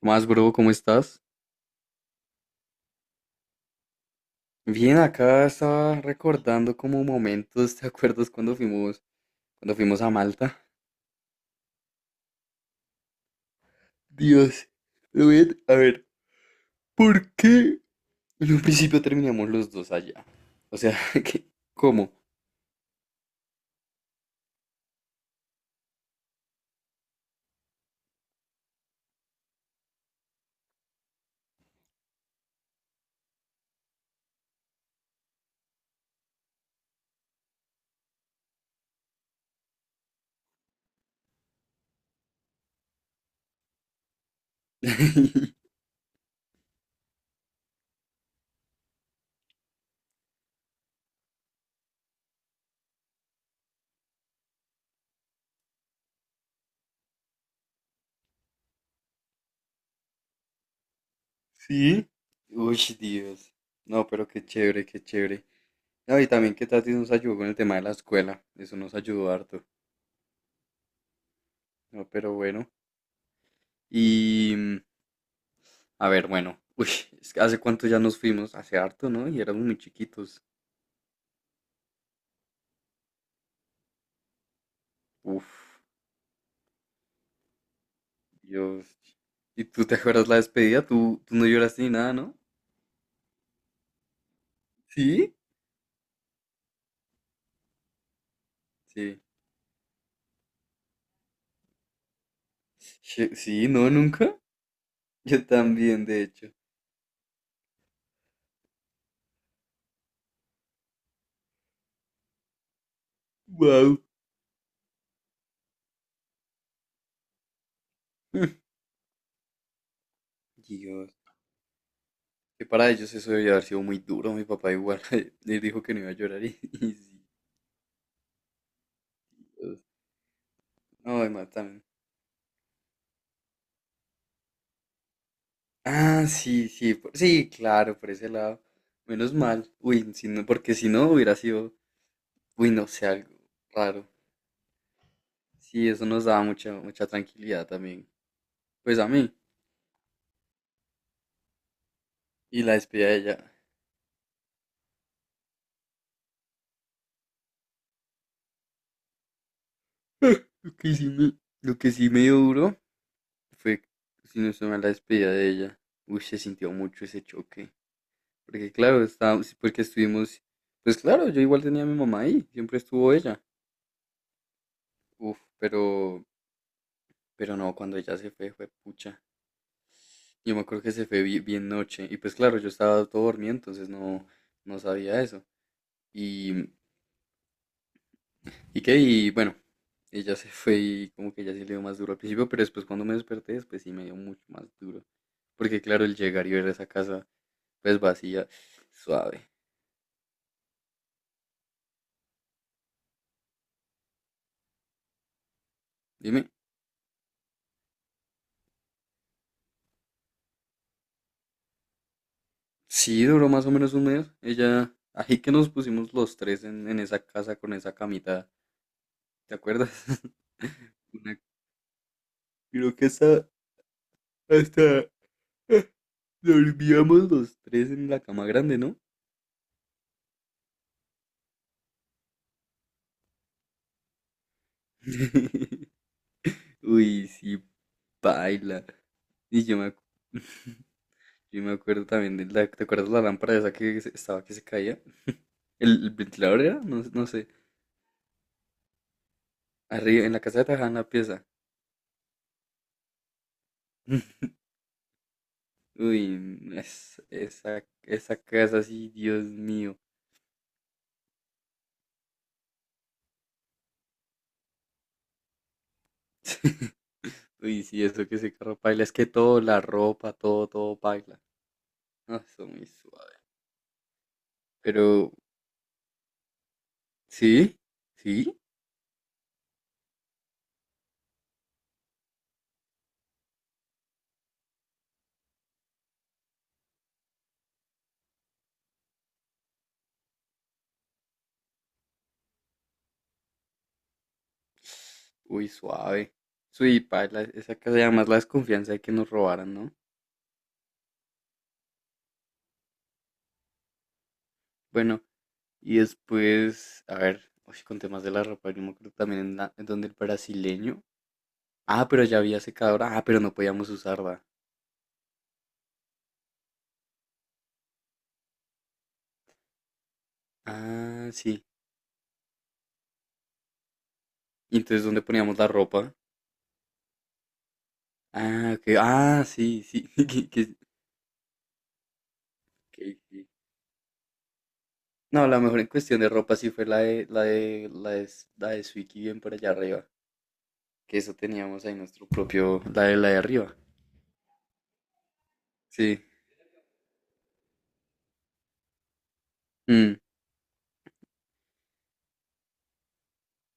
Más bro, ¿cómo estás? Bien, acá estaba recordando como momentos, ¿te acuerdas cuando fuimos a Malta? Dios, lo Rubén, a ver, ¿por qué en un principio terminamos los dos allá? O sea, ¿qué? ¿Cómo? ¿Sí? Uy, Dios. No, pero qué chévere, qué chévere. No, y también que Tati nos ayudó con el tema de la escuela. Eso nos ayudó harto. No, pero bueno. Y, a ver, bueno. Uy, es que hace cuánto ya nos fuimos. Hace harto, ¿no? Y éramos muy chiquitos. Uf, Dios. ¿Y tú te acuerdas la despedida? ¿Tú no lloraste ni nada, ¿no? ¿Sí? Sí. Sí, no, nunca. Yo también, de hecho. Wow. Dios. Que para ellos eso debió haber sido muy duro. Mi papá igual le dijo que no iba a llorar y, y sí. Dios. No, además también. Ah, sí, sí, sí, claro, por ese lado. Menos mal. Uy, si no, porque si no hubiera sido, uy, no sé, algo raro. Sí, eso nos daba mucha, mucha tranquilidad también. Pues a mí. Y la despedida de ella. Lo que sí me, lo que sí me dio duro fue, si no estoy mal, la despedida de ella. Uy, se sintió mucho ese choque. Porque claro, estábamos, sí, porque estuvimos, pues claro, yo igual tenía a mi mamá ahí, siempre estuvo ella. Uf, pero no, cuando ella se fue, fue pucha. Yo me acuerdo que se fue bien noche. Y pues claro, yo estaba todo dormido, entonces no, no sabía eso. Y, y qué, y bueno, ella se fue y como que ya sí le dio más duro al principio, pero después cuando me desperté, después sí me dio mucho más duro. Porque claro, el llegar y ver esa casa, pues vacía, suave. Dime, sí duró más o menos un mes. Ella, ahí que nos pusimos los tres en esa casa con esa camita, ¿te acuerdas? Una- creo que hasta, hasta dormíamos los tres en la cama grande, ¿no? Uy, sí, baila. Y yo me acuerdo también de la, ¿te acuerdas la lámpara esa que estaba que se caía? El ventilador era? No, no sé. Arriba, en la casa de Tajada, en la pieza. Uy, es, esa casa, sí, Dios mío. Uy, sí, eso que se carro paila, es que todo, la ropa, todo, todo paila. No, eso muy suave. Pero, ¿sí? ¿Sí? Uy, suave. Uy, paila, esa casa y además la desconfianza de que nos robaran, ¿no? Bueno, y después, a ver, uy, con temas de la ropa, yo me acuerdo también en, en donde el brasileño. Ah, pero ya había secadora. Ah, pero no podíamos usarla. Ah, sí. Y entonces, ¿dónde poníamos la ropa? Ah, ok. Ah, sí, sí. que- que- que- que- No, la mejor en cuestión de ropa sí fue la de Swiki bien por allá arriba. Que eso teníamos ahí nuestro propio, la de arriba. Sí. Mm,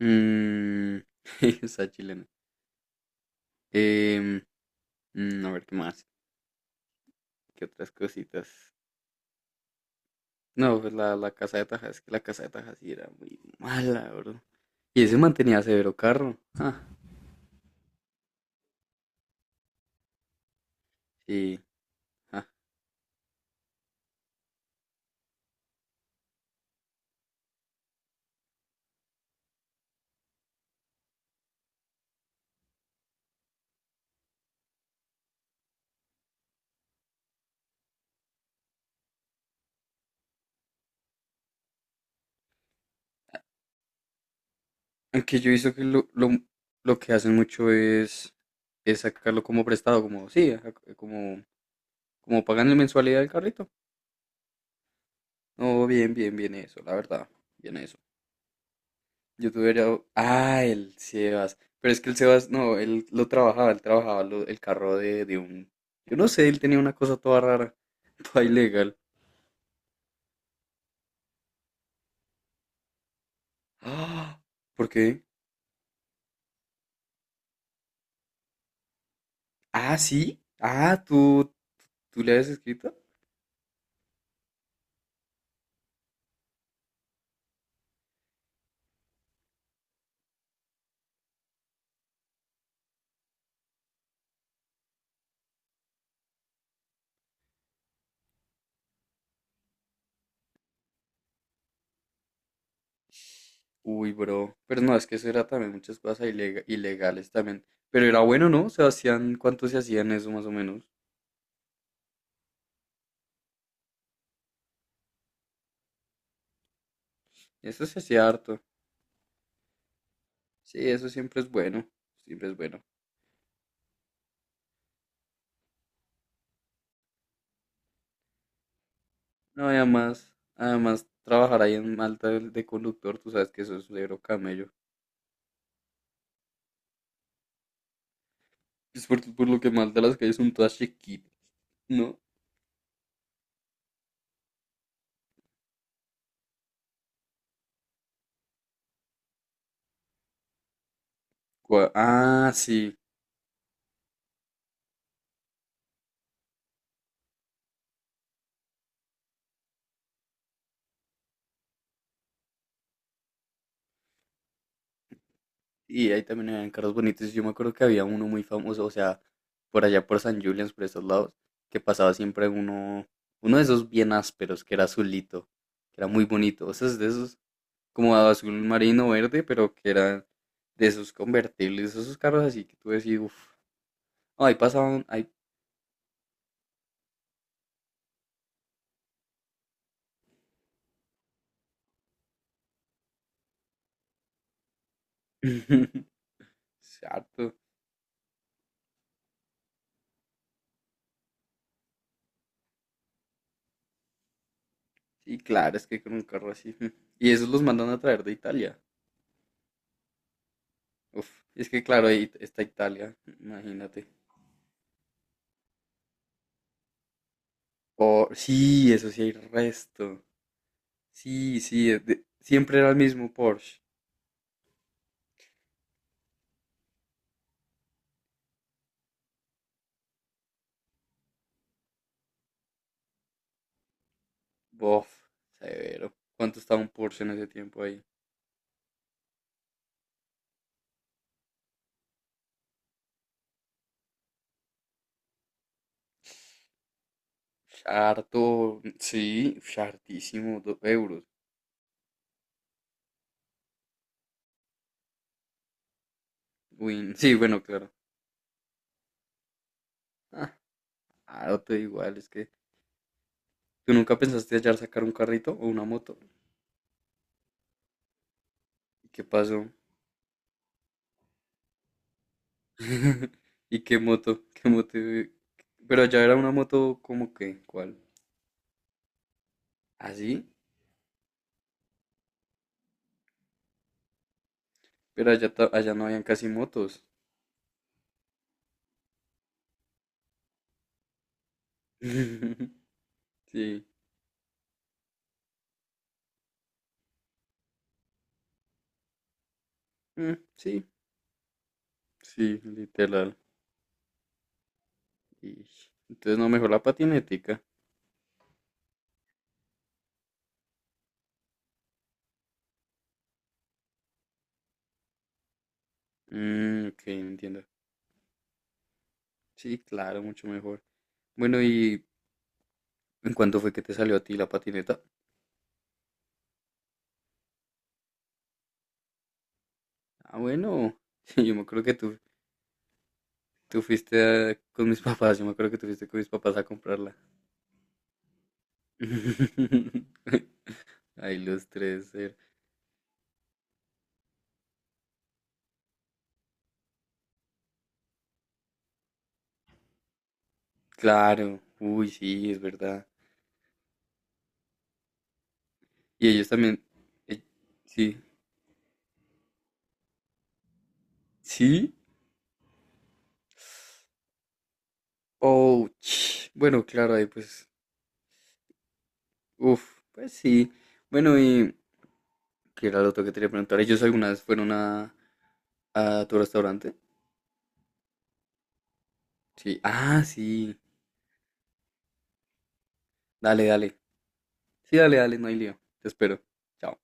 mm, Esa chilena. Em, a ver qué más, qué otras cositas. No, pues la casa de Taja, es que la casa de Taja sí era muy mala, bro. Y ese mantenía severo carro. Ah, sí. Ah. Aunque yo he visto que lo que hacen mucho es sacarlo como prestado, como sí, ajá, como, como pagando mensualidad del carrito. No, bien, bien, bien eso, la verdad, bien eso. Yo tuviera, ah, el Sebas, pero es que el Sebas, no, él lo trabajaba, él trabajaba el carro de un, yo no sé, él tenía una cosa toda rara, toda ilegal. Ah, ¿por qué? Ah, sí, ah, tú le habías escrito. Uy, bro, pero no, es que eso era también muchas cosas ilegales también. Pero era bueno, ¿no? Sebastián, ¿cuánto se hacían eso más o menos? Eso se hacía harto. Sí, eso siempre es bueno. Siempre es bueno. No, y además, además, trabajar ahí en Malta de conductor, tú sabes que eso es un negro camello. Es por lo que Malta las calles son todas chiquitas, ¿no? Ah, sí. Y ahí también habían carros bonitos. Yo me acuerdo que había uno muy famoso, o sea, por allá por San Julián, por esos lados, que pasaba siempre uno, uno de esos bien ásperos, que era azulito, que era muy bonito. O sea, es de esos como azul marino verde, pero que eran de esos convertibles, esos carros así que tú decís, uff, ahí pasaban, ahí, harto. Y claro, es que con un carro así. Mm. Y esos los mandan a traer de Italia. Uf, es que claro, ahí está Italia, imagínate. Oh, sí, eso sí hay resto. Sí, sí, siempre era el mismo Porsche. Bof, severo. ¿Cuánto estaba un Porsche en ese tiempo ahí? Harto, sí, uf, hartísimo, dos euros. Uy, sí, bueno, claro. Ah, ah, no te da igual, es que tú nunca pensaste hallar sacar un carrito o una moto. ¿Y qué pasó? ¿Y qué moto? ¿Qué moto? Pero allá era una moto como que, ¿cuál? ¿Así? Pero allá, allá no habían casi motos. Sí, sí, sí, literal. Y entonces no, mejor la patinética. Mm, ok, entiendo. Sí, claro, mucho mejor. Bueno, ¿y en cuánto fue que te salió a ti la patineta? Ah, bueno, yo me acuerdo que tú Tú fuiste con mis papás, yo me acuerdo que tú fuiste con mis papás a comprarla. Ay, los tres, er- Claro, uy, sí, es verdad. Y ellos también, eh, sí, sí, oh, ch- bueno, claro, ahí pues, uff, pues sí. Bueno, y que era lo otro que te quería preguntar, ¿ellos alguna vez fueron a tu restaurante? Sí, ah, dale, dale, sí, dale, dale, no hay lío, te espero. Chao.